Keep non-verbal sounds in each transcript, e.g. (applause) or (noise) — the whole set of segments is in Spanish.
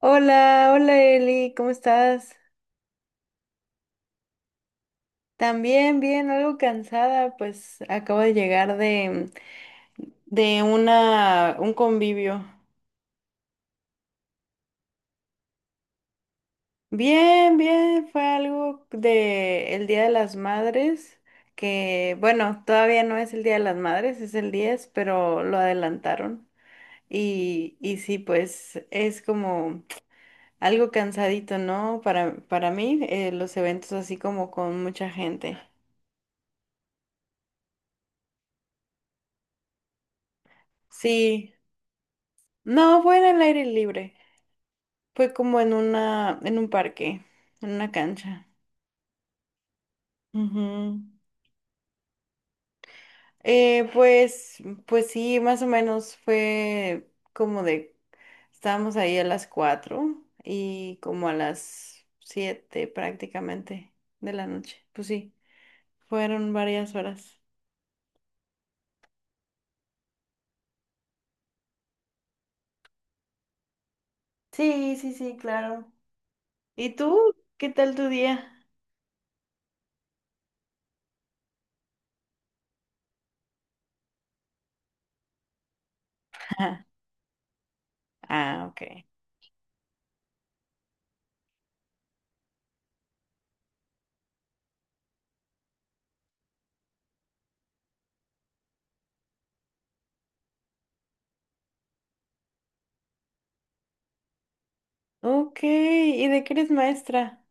Hola, hola Eli, ¿cómo estás? También bien, algo cansada, pues acabo de llegar de un convivio. Bien, bien, fue algo de el Día de las Madres, que bueno, todavía no es el Día de las Madres, es el 10, pero lo adelantaron. Y sí, pues es como algo cansadito, ¿no? Para mí, los eventos así como con mucha gente. Sí. No, fue en el aire libre. Fue como en un parque, en una cancha. Ujú. Eh, pues, pues sí, más o menos, estábamos ahí a las 4:00 y como a las 7:00 prácticamente de la noche. Pues sí, fueron varias horas. Sí, sí, sí, claro. ¿Y tú? ¿Qué tal tu día? (laughs) Ah, ok. Ok, ¿y de qué eres maestra?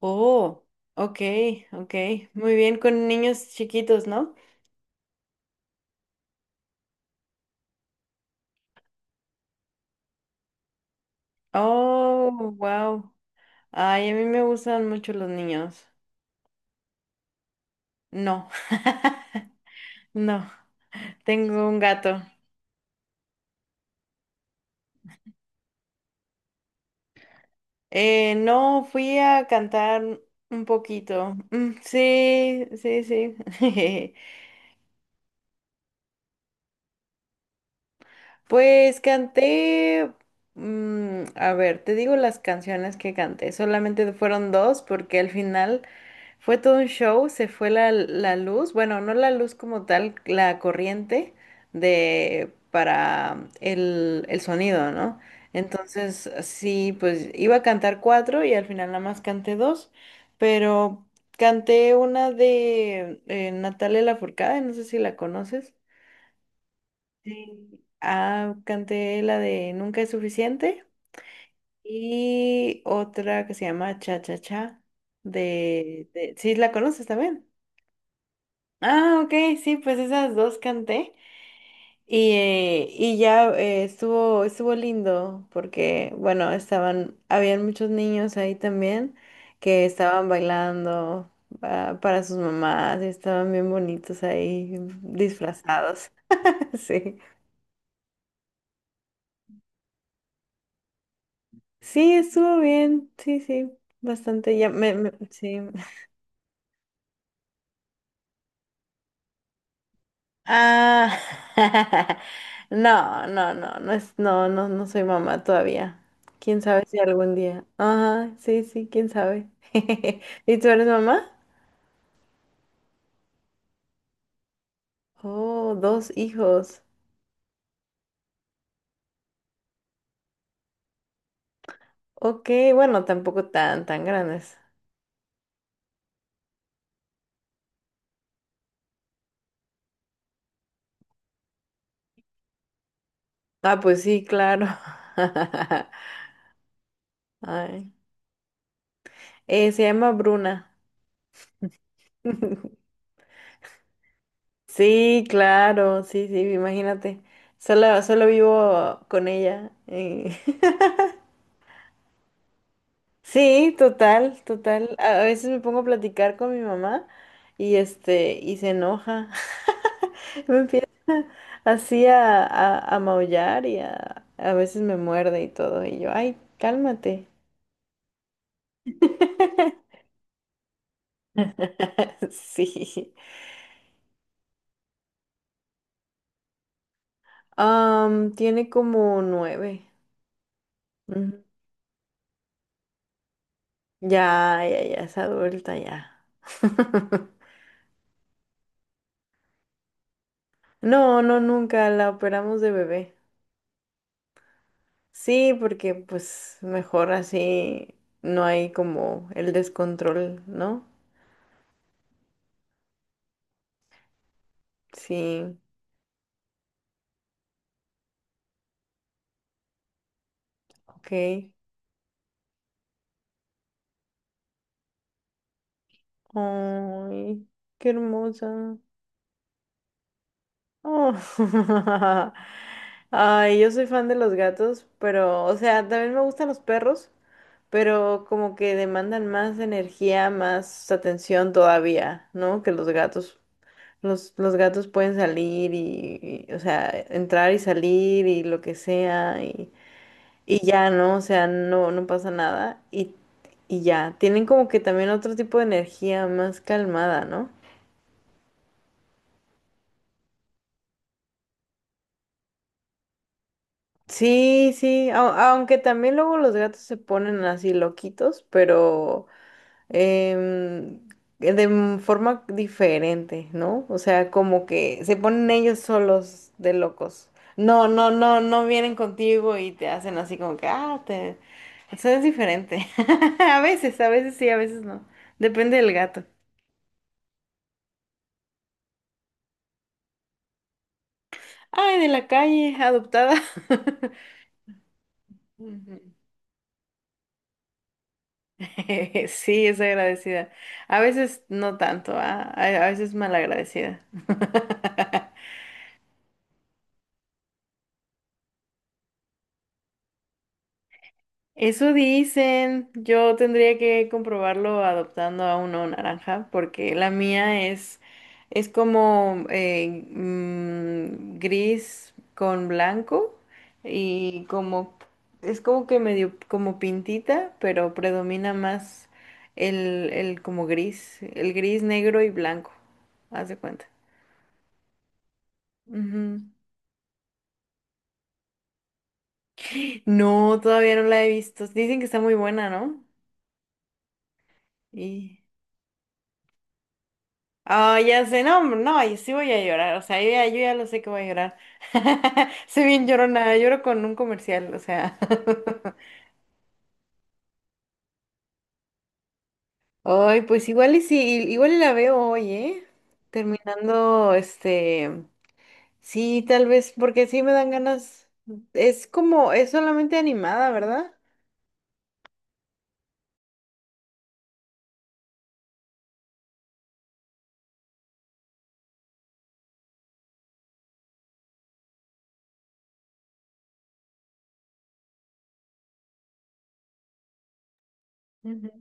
Oh, ok, ok. Muy bien, con niños chiquitos, ¿no? Oh, wow. Ay, a mí me gustan mucho los niños. No, (laughs) no, tengo un gato. No, fui a cantar un poquito. Mm, sí, sí, sí. (laughs) Pues canté... mm, a ver, te digo las canciones que canté. Solamente fueron dos porque al final... Fue todo un show, se fue la luz, bueno, no la luz como tal, la corriente de para el sonido, ¿no? Entonces, sí, pues iba a cantar cuatro y al final nada más canté dos, pero canté una de Natalia Lafourcade, no sé si la conoces. Sí. Ah, canté la de Nunca es suficiente y otra que se llama Cha Cha Cha de... ¿Sí la conoces también? Ah, ok, sí, pues esas dos canté y, y ya estuvo lindo porque, bueno, estaban, habían muchos niños ahí también que estaban bailando para sus mamás y estaban bien bonitos ahí disfrazados. (laughs) Sí, sí, estuvo bien, sí, sí, bastante, ya sí. Ah, (laughs) no, no, no, no es, no, no, no soy mamá todavía. Quién sabe si algún día. Ajá, sí, sí, quién sabe. (laughs) ¿Y tú eres mamá? Oh, dos hijos. Ok, bueno, tampoco tan, tan grandes. Ah, pues sí, claro. (laughs) Ay. Se llama Bruna. (laughs) Sí, claro, sí, sí, imagínate. Solo, solo vivo con ella. Sí, total, total. A veces me pongo a platicar con mi mamá y este, y se enoja, (laughs) así a maullar y a veces me muerde y todo. Y yo, ay, cálmate. (laughs) Sí. Am, tiene como 9. Ujú. Ya, ya, ya, es adulta ya. (laughs) No, no, nunca la operamos de bebé. Sí, porque pues mejor así no hay como el descontrol, ¿no? Sí, ok. Ay, qué hermosa. Oh. (laughs) Ay, yo soy fan de los gatos, pero, o sea, también me gustan los perros, pero como que demandan más energía, más atención todavía, ¿no? Que los gatos. Los gatos pueden salir o sea, entrar y salir y lo que sea, y ya, ¿no? O sea, no, no pasa nada. Y ya, tienen como que también otro tipo de energía más calmada, ¿no? Sí, sí, aunque también luego los gatos se ponen así loquitos, pero em, de forma diferente, ¿no? O sea, como que se ponen ellos solos de locos. No, no, no, no vienen contigo y te hacen así como que, ah, te... Eso es diferente. (laughs) A veces sí, a veces no. Depende del gato. Ay, de la calle, adoptada. (laughs) Ujú. (laughs) Sí, es agradecida. A veces no tanto, ah, a veces malagradecida. (laughs) Eso dicen. Yo tendría que comprobarlo adoptando a uno naranja, porque la mía es como gris con blanco y como es como que medio como pintita, pero predomina más el como gris, el gris, negro y blanco. Haz de cuenta. Ujú. No, todavía no la he visto. Dicen que está muy buena, ¿no? Y ah, ya sé, no, hombre, no, y sí voy a llorar, o sea, yo ya, yo ya lo sé que voy a llorar. (laughs) Soy bien llorona, lloro con un comercial, o sea. (laughs) Ay, pues igual y sí, igual y la veo hoy, ¿eh? Terminando, este, sí, tal vez, porque sí me dan ganas. Es como, es solamente animada, ¿verdad? Ujú.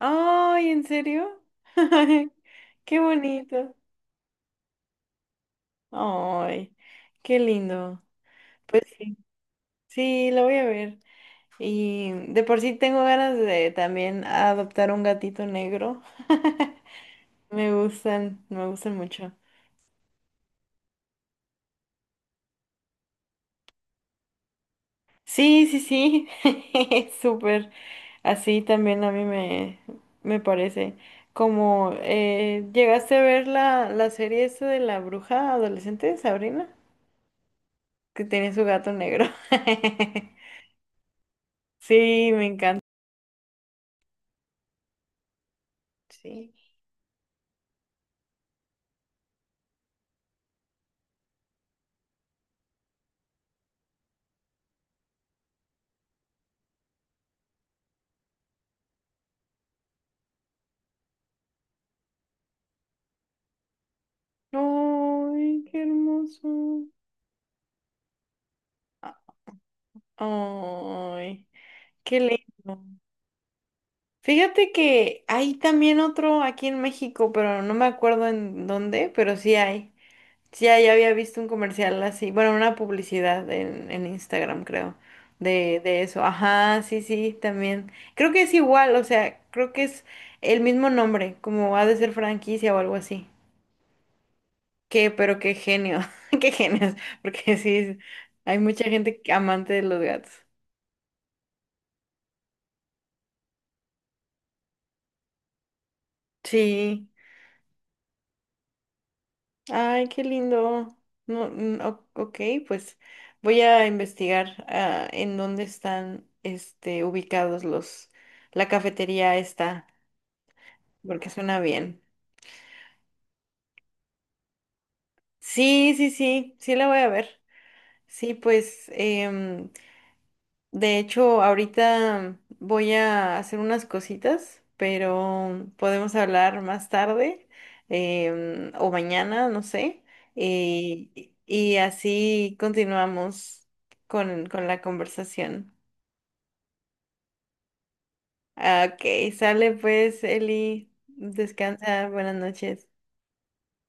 Ay, ¿en serio? (laughs) Qué bonito. Ay, qué lindo. Pues sí, sí, la voy a ver. Y de por sí tengo ganas de también adoptar un gatito negro. (laughs) Me gustan mucho. Sí, sí, sí. (laughs) Súper. Así también a mí me, me parece. Como llegaste a ver la serie esta de la bruja adolescente, Sabrina, que tiene su gato negro. (laughs) Sí, me encanta. Sí. Ay, qué hermoso. Ay, qué lindo. Fíjate que hay también otro aquí en México, pero no me acuerdo en dónde, pero sí hay. Sí hay, había visto un comercial así, bueno, una publicidad en Instagram, creo, de eso. Ajá, sí, sí, también. Creo que es igual, o sea, creo que es el mismo nombre, como ha de ser franquicia o algo así. Qué, pero qué genio, (laughs) qué genios, porque sí, hay mucha gente que- amante de los gatos. Sí. Ay, qué lindo. No, mm, o- ok, pues voy a investigar en dónde están este, ubicados los, la cafetería esta, porque suena bien. Sí, sí, sí, sí la voy a ver. Sí, pues de hecho, ahorita voy a hacer unas cositas, pero podemos hablar más tarde o mañana, no sé. Y así continuamos con la conversación. Ah, ok, sale pues, Eli. Descansa, buenas noches.